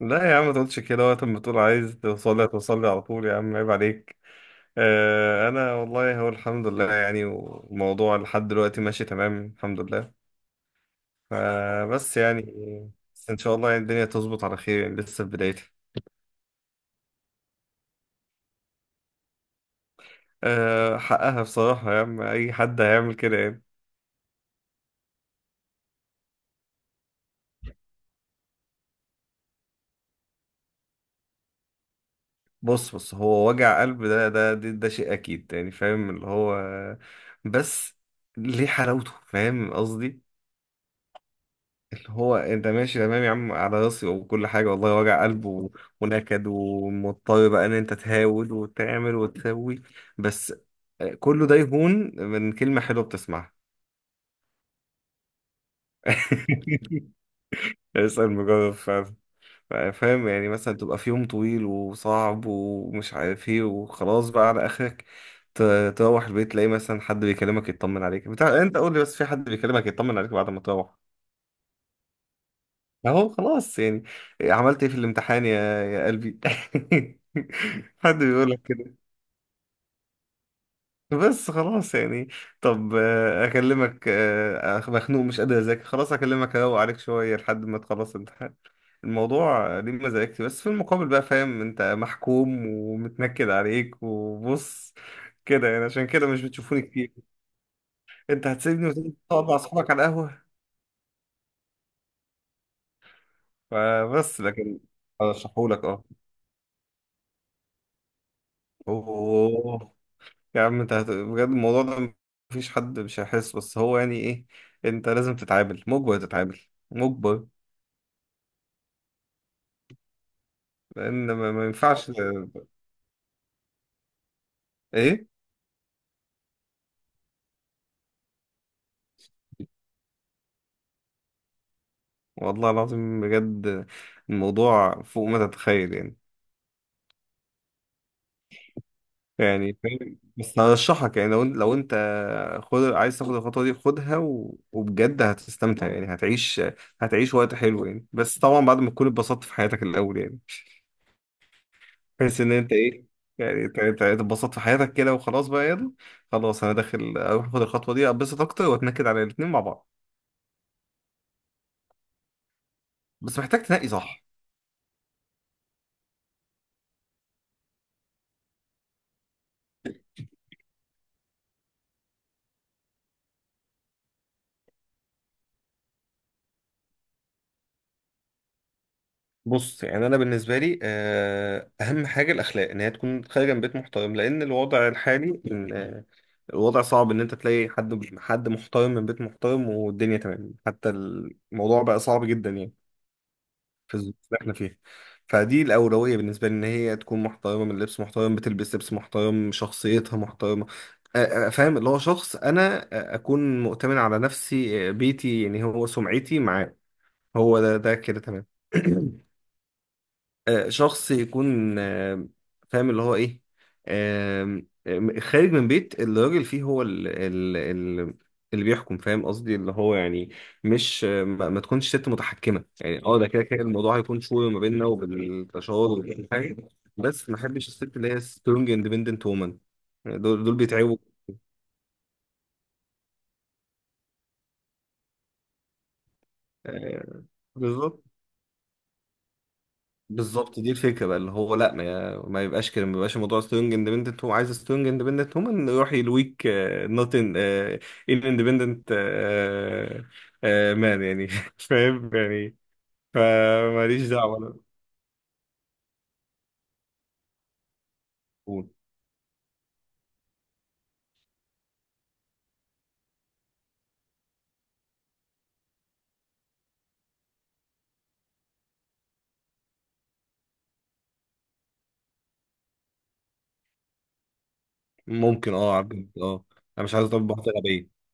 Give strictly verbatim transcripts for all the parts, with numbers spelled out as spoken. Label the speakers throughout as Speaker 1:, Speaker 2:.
Speaker 1: لا يا عم ما تقولش كده، وقت ما تقول عايز توصل لي هتوصل لي على طول يا عم، عيب عليك. آه انا والله هو الحمد لله يعني، والموضوع لحد دلوقتي ماشي تمام الحمد لله. آه بس يعني بس ان شاء الله يعني الدنيا تظبط على خير، يعني لسه في بدايتها. آه حقها بصراحة يا عم، اي حد هيعمل كده يعني. بص بص، هو وجع قلب، ده ده ده, ده شيء اكيد يعني، فاهم اللي هو، بس ليه حلاوته، فاهم قصدي، اللي هو انت ماشي تمام يا عم على راسي وكل حاجة والله، وجع قلب و- ونكد، ومضطر بقى ان انت تهاود وتعمل وتسوي، بس كله ده يهون من كلمة حلوة بتسمعها. اسأل مجرب فعلا. فاهم يعني، مثلا تبقى في يوم طويل وصعب ومش عارف ايه وخلاص بقى على اخرك، ت- تروح البيت تلاقي مثلا حد بيكلمك يطمن عليك بتاع، انت قول لي بس، في حد بيكلمك يطمن عليك بعد ما تروح؟ اهو خلاص يعني. عملت ايه في الامتحان يا يا قلبي؟ حد بيقول لك كده؟ بس خلاص يعني. طب آه، اكلمك، آه، أخ- مخنوق مش قادر اذاكر خلاص، اكلمك اروق عليك شويه لحد ما تخلص الامتحان. الموضوع آه، ليه مزاجتي، بس في المقابل بقى فاهم انت محكوم ومتنكد عليك، وبص كده يعني، عشان كده مش بتشوفوني كتير. انت هتسيبني وتقعد مع اصحابك على القهوه. فبس، لكن ارشحهولك اه. اوه يا عم، انت هت... بجد الموضوع ده مفيش حد مش هيحس، بس هو يعني ايه؟ انت لازم تتعامل مجبر، تتعامل مجبر. لان ما, ما ينفعش. ايه؟ والله العظيم بجد، الموضوع فوق ما تتخيل يعني. يعني فاهم؟ بس هرشحك يعني، لو انت لو انت خد، عايز تاخد الخطوه دي خدها، و... وبجد هتستمتع يعني، هتعيش هتعيش وقت حلو يعني، بس طبعا بعد ما تكون اتبسطت في حياتك الاول يعني، بحيث ان انت ايه، يعني ت- ت- تتبسط في حياتك كده، وخلاص بقى يلا، خلاص انا داخل اروح اخد الخطوه دي، اتبسط اكتر واتنكد على الاتنين مع بعض، بس محتاج تنقي صح. بص يعني انا بالنسبه لي آه، اهم حاجه الاخلاق، ان هي تكون خارجه من بيت محترم، لان الوضع الحالي إن، آه، الوضع صعب ان انت تلاقي حد حد محترم من بيت محترم والدنيا تمام، حتى الموضوع بقى صعب جدا يعني، في الظروف اللي احنا فيها. فدي الأولوية بالنسبة لي، إن هي تكون محترمة، من اللبس محترم بتلبس لبس محترم، شخصيتها محترمة، أ- أ- فاهم اللي هو شخص، أنا أ- أكون مؤتمن على نفسي، أ، بيتي يعني، هو سمعتي معاه، هو ده ده كده تمام. آه، شخص يكون، آه، فاهم اللي هو ايه، آم، آم، خارج من بيت الراجل، فيه هو ال ال ال اللي بيحكم، فاهم قصدي، اللي هو يعني مش، آه، ما ما تكونش ست متحكمة يعني، اه ده كده كده الموضوع هيكون شوية ما بيننا وبالتشاور وكل حاجة، بس ما احبش الست اللي هي سترونج اندبندنت وومن، دول دول بيتعبوا. آه، بالظبط. بالظبط، دي الفكره بقى، اللي هو لا، ما, ما يبقاش كده، ما يبقاش الموضوع سترونج اندبندنت، هو عايز سترونج اندبندنت، هم يروح يلويك نوت ان، ان اندبندنت مان يعني. فاهم يعني، فماليش دعوه انا. قول. ممكن اه، عبد اه، انا مش عايز اطبق واحده غبيه.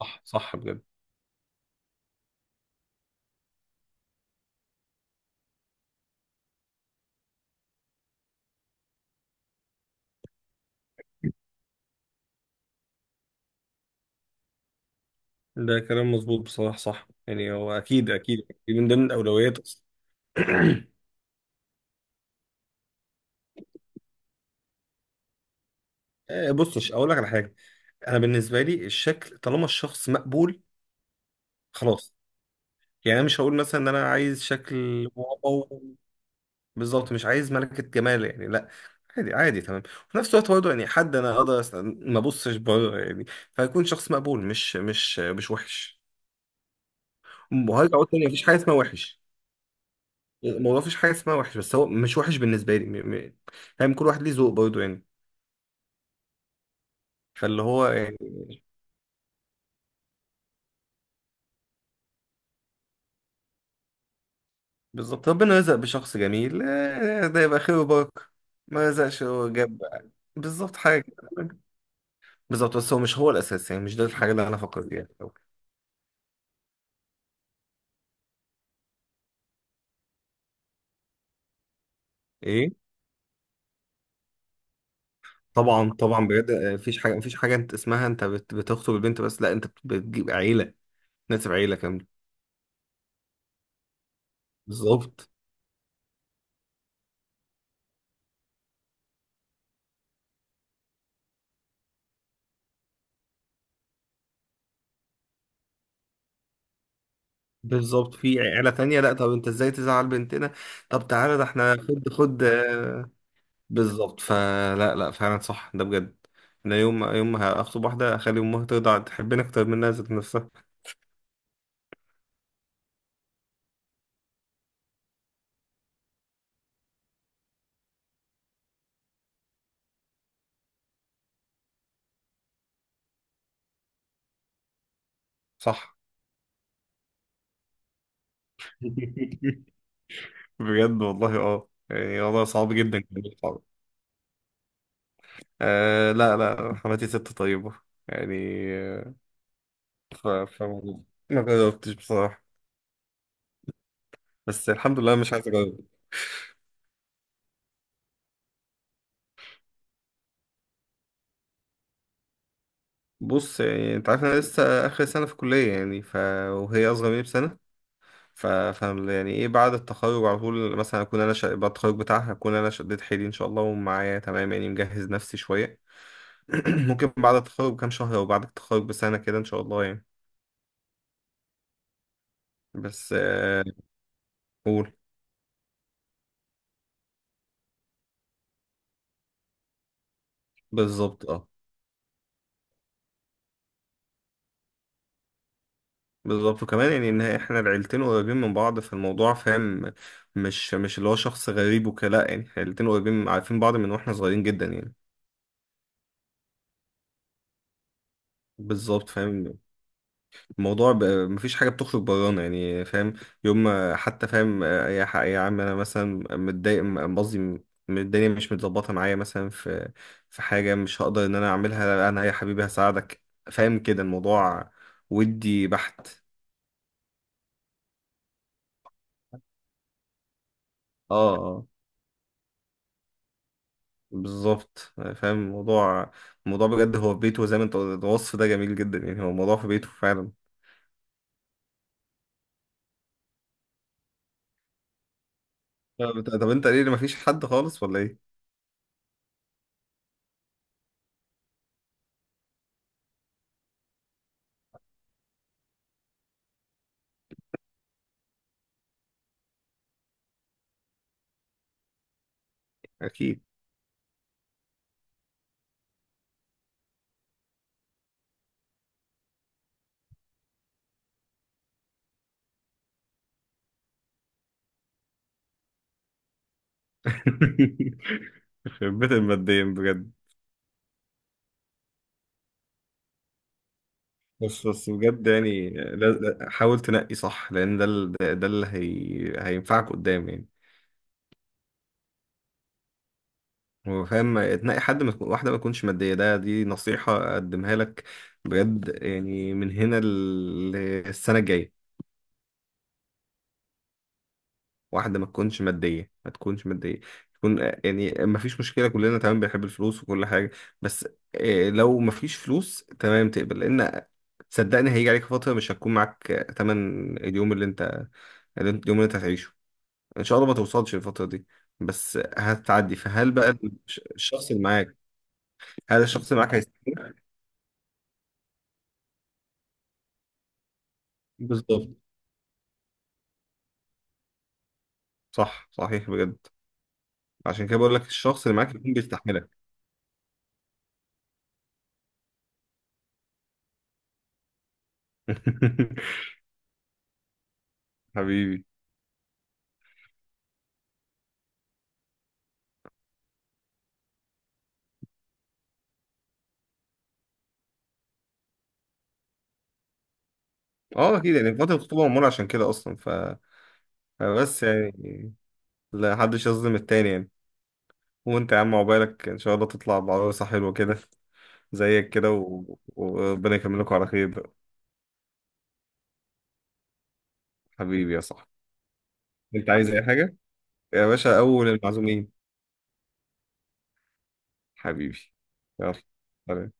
Speaker 1: صح صح بجد، ده كلام مظبوط بصراحه، صح يعني، هو اكيد اكيد من ضمن الاولويات اصلا. آه، بص، مش اقول لك على حاجه، انا بالنسبه لي الشكل طالما الشخص مقبول خلاص يعني، انا مش هقول مثلا ان انا عايز شكل واو، بالظبط مش عايز ملكة جمال يعني، لا، عادي عادي تمام. وفي نفس الوقت برضه يعني حد انا اقدر، أس- ما ابصش بره يعني، فيكون شخص مقبول، مش مش مش وحش. وهرجع اقول تاني، مفيش حاجة اسمها وحش، الموضوع مفيش حاجة اسمها وحش، بس هو مش وحش بالنسبة لي، م- م- يعني كل واحد ليه ذوق برضه يعني، فاللي هو يعني، بالظبط. ربنا رزق بشخص جميل آه، ده يبقى خير وبركة، ما رزقش هو جاب. بالظبط حاجة. بالظبط، بس هو مش هو الاساس يعني، مش ده الحاجه اللي انا فكرت فيها في الأول. ايه، طبعا طبعا بجد. آه، مفيش حاجه، مفيش حاجه، انت اسمها انت بت- بتخطب البنت، بس لا، انت بت- بتجيب عيله، ناسب عيله كامله. بالظبط. بالظبط، في عيله تانية لا، طب انت ازاي تزعل بنتنا، طب تعالى ده احنا خد خد آه، بالظبط، فلا لا فعلا صح، ده بجد. انا يوم يوم ما هخطب واحده اخلي امها ترضى تحبني اكتر منها ذات نفسها. صح. بجد والله، اه يعني والله صعب جدا. آه لا لا، حماتي ست طيبة يعني. آه، ف... ف... ما جربتش بصراحة، بس الحمد لله مش عايز اجرب. بص يعني انت عارف انا لسه اخر سنة في كلية يعني، ف... وهي اصغر مني بسنة، ف... فاهم يعني، ايه بعد التخرج على طول مثلا اكون انا، ش... بعد التخرج بتاعها اكون انا شديت حيلي ان شاء الله، ومعايا تمام يعني، مجهز نفسي شوية. ممكن بعد التخرج بكام شهر، او بعد التخرج بسنة كده ان شاء الله يعني. بس آه. قول. بالظبط اه. بالظبط، وكمان يعني ان احنا العيلتين قريبين من بعض، فالموضوع فاهم، مش مش اللي هو شخص غريب وكده، لا يعني احنا العيلتين قريبين عارفين بعض من واحنا صغيرين جدا يعني. بالظبط فاهم. الموضوع ب... مفيش حاجه بتخرج برانا يعني، فاهم، يوم ما- حتى فاهم آه، يا ح- يا عم، انا مثلا متضايق، م- قصدي، م- الدنيا مش متظبطه معايا مثلا، في في حاجه مش هقدر ان انا اعملها، انا يا حبيبي هساعدك، فاهم كده الموضوع، ودي بحت. اه آه. بالظبط، فاهم الموضوع. الموضوع بجد هو في بيته زي ما انت قلت، الوصف ده جميل جدا يعني، هو الموضوع في بيته فعلا. طب طب انت ليه ما فيش حد خالص ولا ايه؟ اكيد. يخرب بيت الماديين بجد. بس بس بجد يعني، لا لا، حاول تنقي صح، لان ده ال- ده ده اللي هي... هينفعك قدام يعني. هو فاهم، تنقي حد، ما تكون واحده ما تكونش ماديه، ده دي نصيحه اقدمها لك بجد يعني، من هنا للسنه الجايه. واحدة ما تكونش مادية، ما تكونش مادية، تكون آه، يعني ما فيش مشكلة، كلنا تمام بنحب الفلوس وكل حاجة، بس آه، لو ما فيش فلوس تمام تقبل، لأن صدقني هيجي عليك فترة مش هتكون معاك آه، تمن اليوم اللي انت، اللي انت- اليوم اللي انت هتعيشه، ان شاء الله ما توصلش الفترة دي، بس هتعدي، فهل بقى الش- الشخص اللي معاك، هل الشخص اللي معاك هيستحملك؟ بالظبط. صح صحيح بجد، عشان كده بقول لك الشخص اللي معاك يكون بيستحملك. حبيبي. اه اكيد يعني، فترة الخطوبة معمولة عشان كده اصلا، ف بس يعني لا حدش يظلم التاني يعني. وانت يا عم عقبالك ان شاء الله تطلع بعروسة حلوة كده زيك كده، و- وربنا يكملكم على خير بقى. حبيبي يا صاحبي. انت عايز اي حاجة يا باشا، اول المعزومين. حبيبي. يلا سلام.